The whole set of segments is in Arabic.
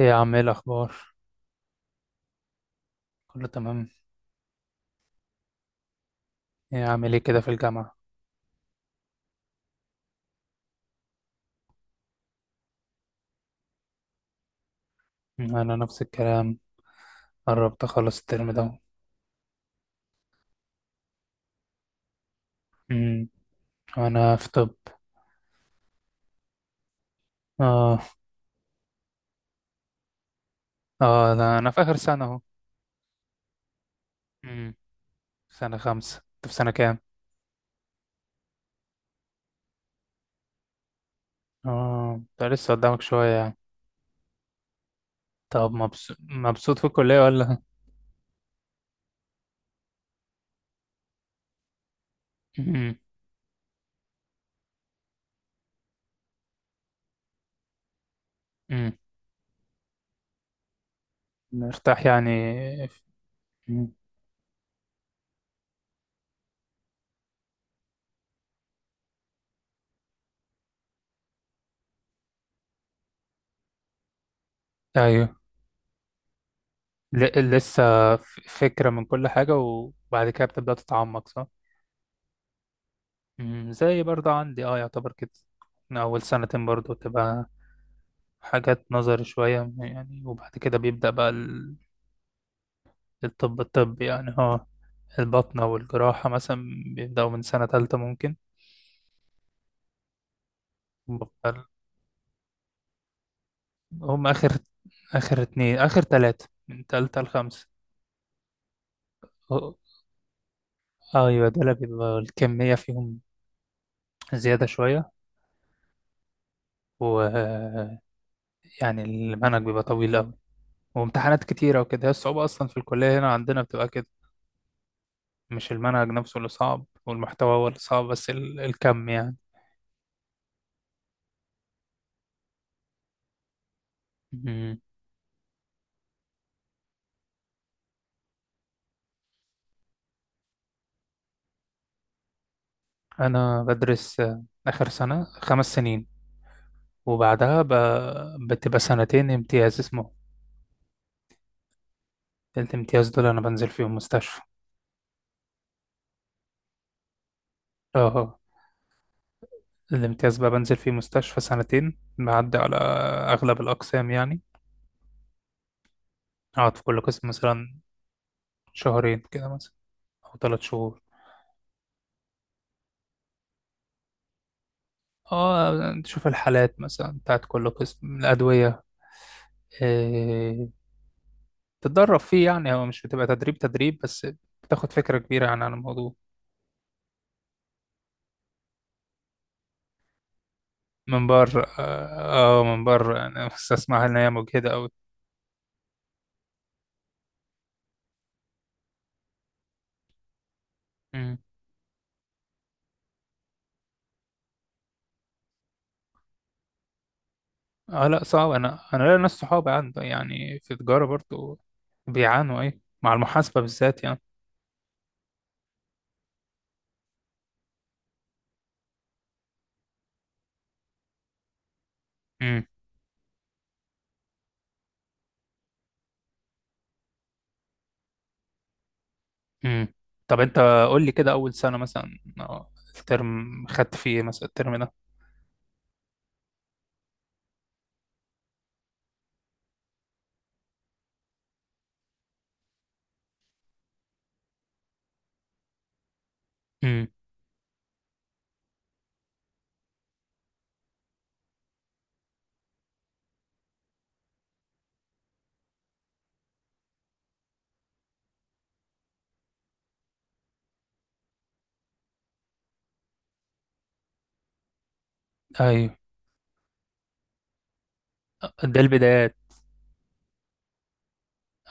ايه يا عم، ايه الاخبار؟ كله تمام. ايه عامل ايه كده في الجامعه؟ انا نفس الكلام. قربت اخلص الترم ده. امم انا في طب. اه. اه، لا، انا في اخر سنه اهو. امم سنه خمسة، انت في سنه كام؟ اه، ده لسه قدامك شويه يعني. طب، مبسوط مبسوط في الكليه ولا؟ امم امم مرتاح يعني؟ مم. ايوه. لسه. فكره من كل حاجه وبعد كده بتبدا تتعمق صح؟ زي برضه عندي يعتبر كده، من أول سنتين برضه تبقى حاجات نظري شوية يعني، وبعد كده بيبدأ بقى الطب الطبي يعني. اه. البطنة والجراحة مثلا بيبدأوا من سنة تالتة ممكن. بفضل- هم آخر، آخر اتنين، آخر تلاتة من تالتة لخمسة. اه- أيوة، دول بيبقى الكمية فيهم زيادة شوية، ويعني المنهج بيبقى طويل أوي وامتحانات كتيرة وكده. هي الصعوبة أصلا في الكلية هنا عندنا بتبقى كده، مش المنهج نفسه اللي صعب والمحتوى هو اللي صعب، بس الكم يعني. مم. أنا بدرس، آخر سنة 5 سنين، وبعدها بتبقى سنتين امتياز اسمه. الامتياز دول أنا بنزل فيهم مستشفى. اه. الامتياز بقى بنزل فيه مستشفى سنتين، بعدي على أغلب الأقسام يعني. أقعد في كل قسم مثلا شهرين كده مثلا، أو 3 شهور. اه، تشوف الحالات مثلا بتاعت كل قسم، الأدوية، آه، تتدرب فيه يعني. هو مش بتبقى تدريب تدريب بس، بتاخد فكرة كبيرة يعني عن الموضوع. من بره. انا بس اسمعها ان هي مجهدة قوي. مم. اه لا، صعب. انا ليا ناس صحابي عنده يعني في تجارة برضو، بيعانوا ايه مع المحاسبة بالذات يعني. امم امم طب انت، قول لي كده اول سنة مثلا، الترم خدت فيه إيه مثلا الترم ده؟ امم ايوه، ده البدايات.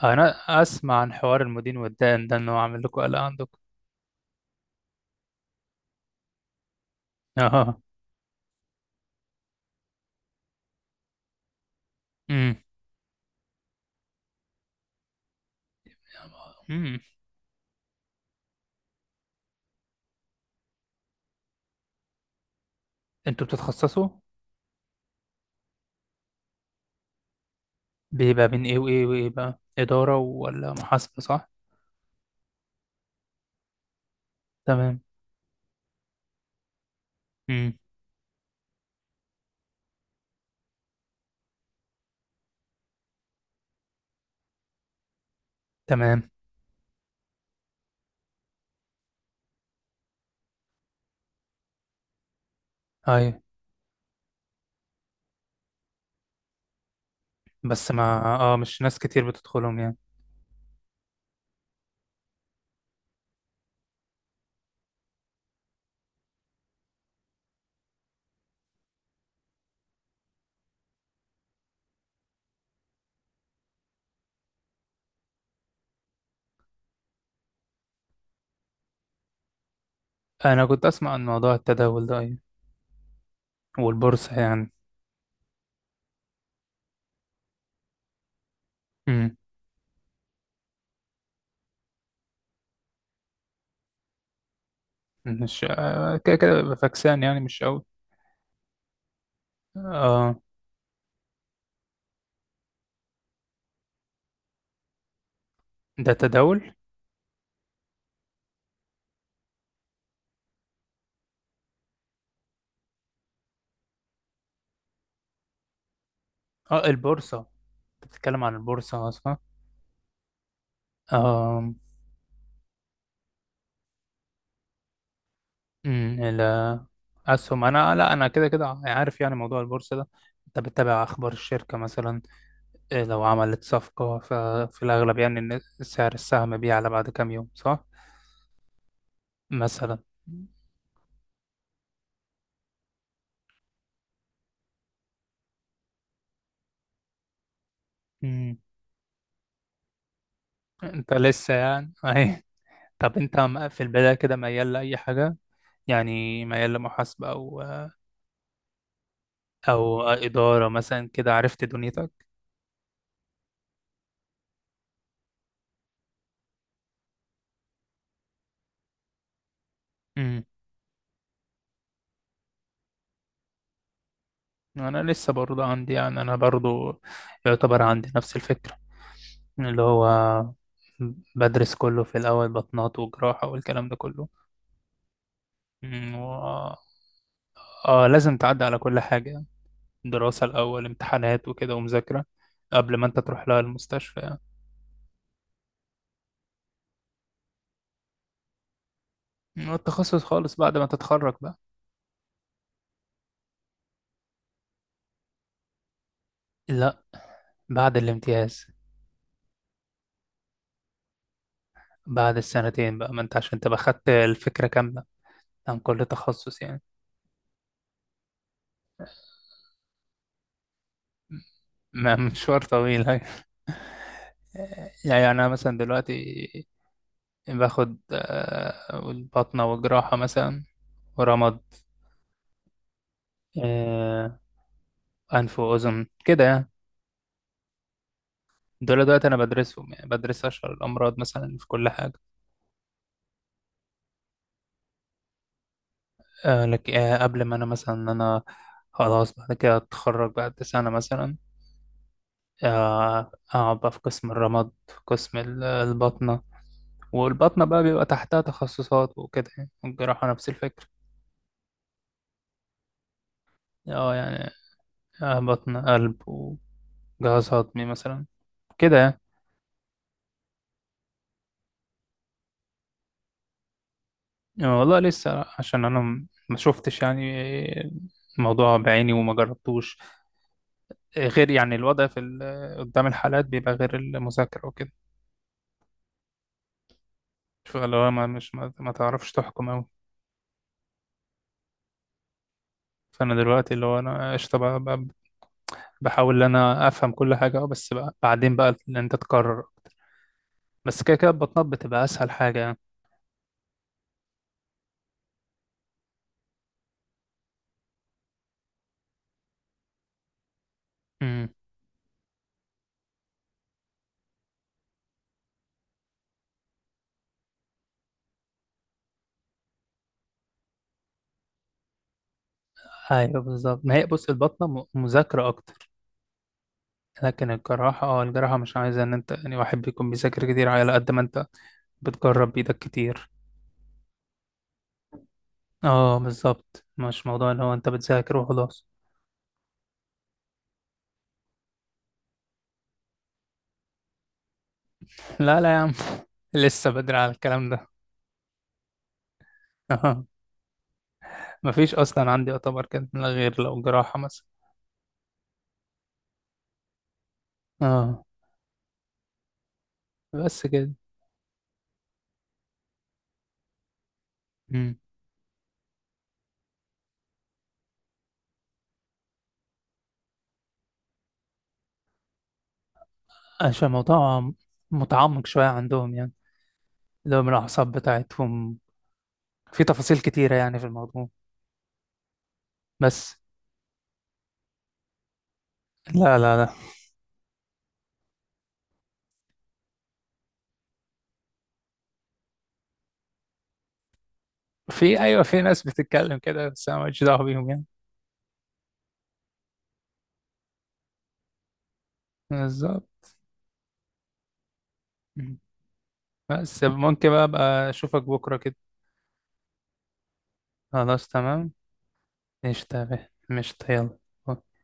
انا اسمع عن حوار المدين والدائن ده انه عامل لكم قلق عندكم. اه. امم انتوا بتتخصصوا، بيبقى بين ايه وايه وايه بقى، اداره ولا محاسبه صح؟ تمام. امم تمام. ايوه بس ما. اه، مش ناس كتير بتدخلهم يعني. انا كنت اسمع عن موضوع التداول ده، ايوه، والبورصه يعني. امم مش كده كده ببقى فاكسان يعني، مش قوي. اه. ده تداول. اه، البورصه. انت بتتكلم عن البورصه، صح؟ اه. امم الاسهم. لا، انا كده كده عارف يعني موضوع البورصه ده. انت بتتابع اخبار الشركه مثلا، إيه لو عملت صفقة ففي الأغلب يعني إن سعر السهم بيعلى بعد كام يوم صح؟ مثلا. مم. أنت لسه يعني أهي. طب أنت، في البداية كده ميال لأي حاجة؟ يعني ميال لمحاسبة، أو أو إدارة مثلا كده، عرفت دنيتك؟ مم. أنا لسه برضه عندي يعني، أنا برضه يعتبر عندي نفس الفكرة، اللي هو بدرس كله في الأول، بطنات وجراحة والكلام ده كله. مم، و... آه، لازم تعدي على كل حاجة، دراسة الأول، امتحانات وكده، ومذاكرة قبل ما أنت تروح لها المستشفى يعني. والتخصص خالص بعد ما تتخرج بقى. لا، بعد الامتياز. بعد السنتين بقى، ما أنت عشان تبقى خدت الفكرة كاملة عن كل تخصص يعني. مشوار طويل يعني. يعني أنا مثلا دلوقتي باخد، الباطنة والجراحة مثلا، ورمد، آه، أنف وأذن كده يعني. دول دلوقتي أنا بدرسهم يعني، بدرس أشهر الأمراض مثلا في كل حاجة. آه لك. قبل ما انا مثلا، إن انا خلاص بعد كده اتخرج بعد سنة مثلا، آه، اقعد بقى في قسم الرمد، في قسم الباطنة. والباطنة بقى بيبقى تحتها تخصصات وكده يعني، والجراحة نفس الفكرة. اه يعني. آه، بطن، قلب، وجهاز هضمي مثلا، كده يعني. آه، والله لسه، عشان انا ما شفتش يعني الموضوع بعيني وما جربتوش. غير يعني الوضع في قدام الحالات بيبقى غير المذاكرة وكده. فلو ما مش ما ما تعرفش تحكم أوي. فانا دلوقتي اللي هو انا قشطه بقى، بحاول ان انا افهم كل حاجه، بس بقى بعدين بقى ان انت تكرر اكتر. بس كده كده البطنه بتبقى اسهل حاجه يعني. امم ايوه بالظبط، ما هي بص البطنه مذاكره اكتر. لكن الجراحه مش عايزه ان انت يعني واحد بيكون بيذاكر كتير، على قد ما انت بتجرب بايدك كتير. اه بالظبط، مش موضوع اللي هو انت بتذاكر وخلاص. لا، لا يا عم. لسه بدري على الكلام ده. اه. مفيش اصلا عندي يعتبر كده غير لو جراحه مثلا. اه، بس كده. عشان الموضوع متعمق شوية عندهم يعني، اللي هو من الأعصاب بتاعتهم، في تفاصيل كتيرة يعني في الموضوع. بس. لا، لا، لا. أيوة، في ناس بتتكلم كده بس أنا ماليش دعوة بيهم يعني. بالظبط. م. بس ممكن بقى أبقى أشوفك بكرة كده. خلاص تمام. قشطة يا بيه. قشطة يلا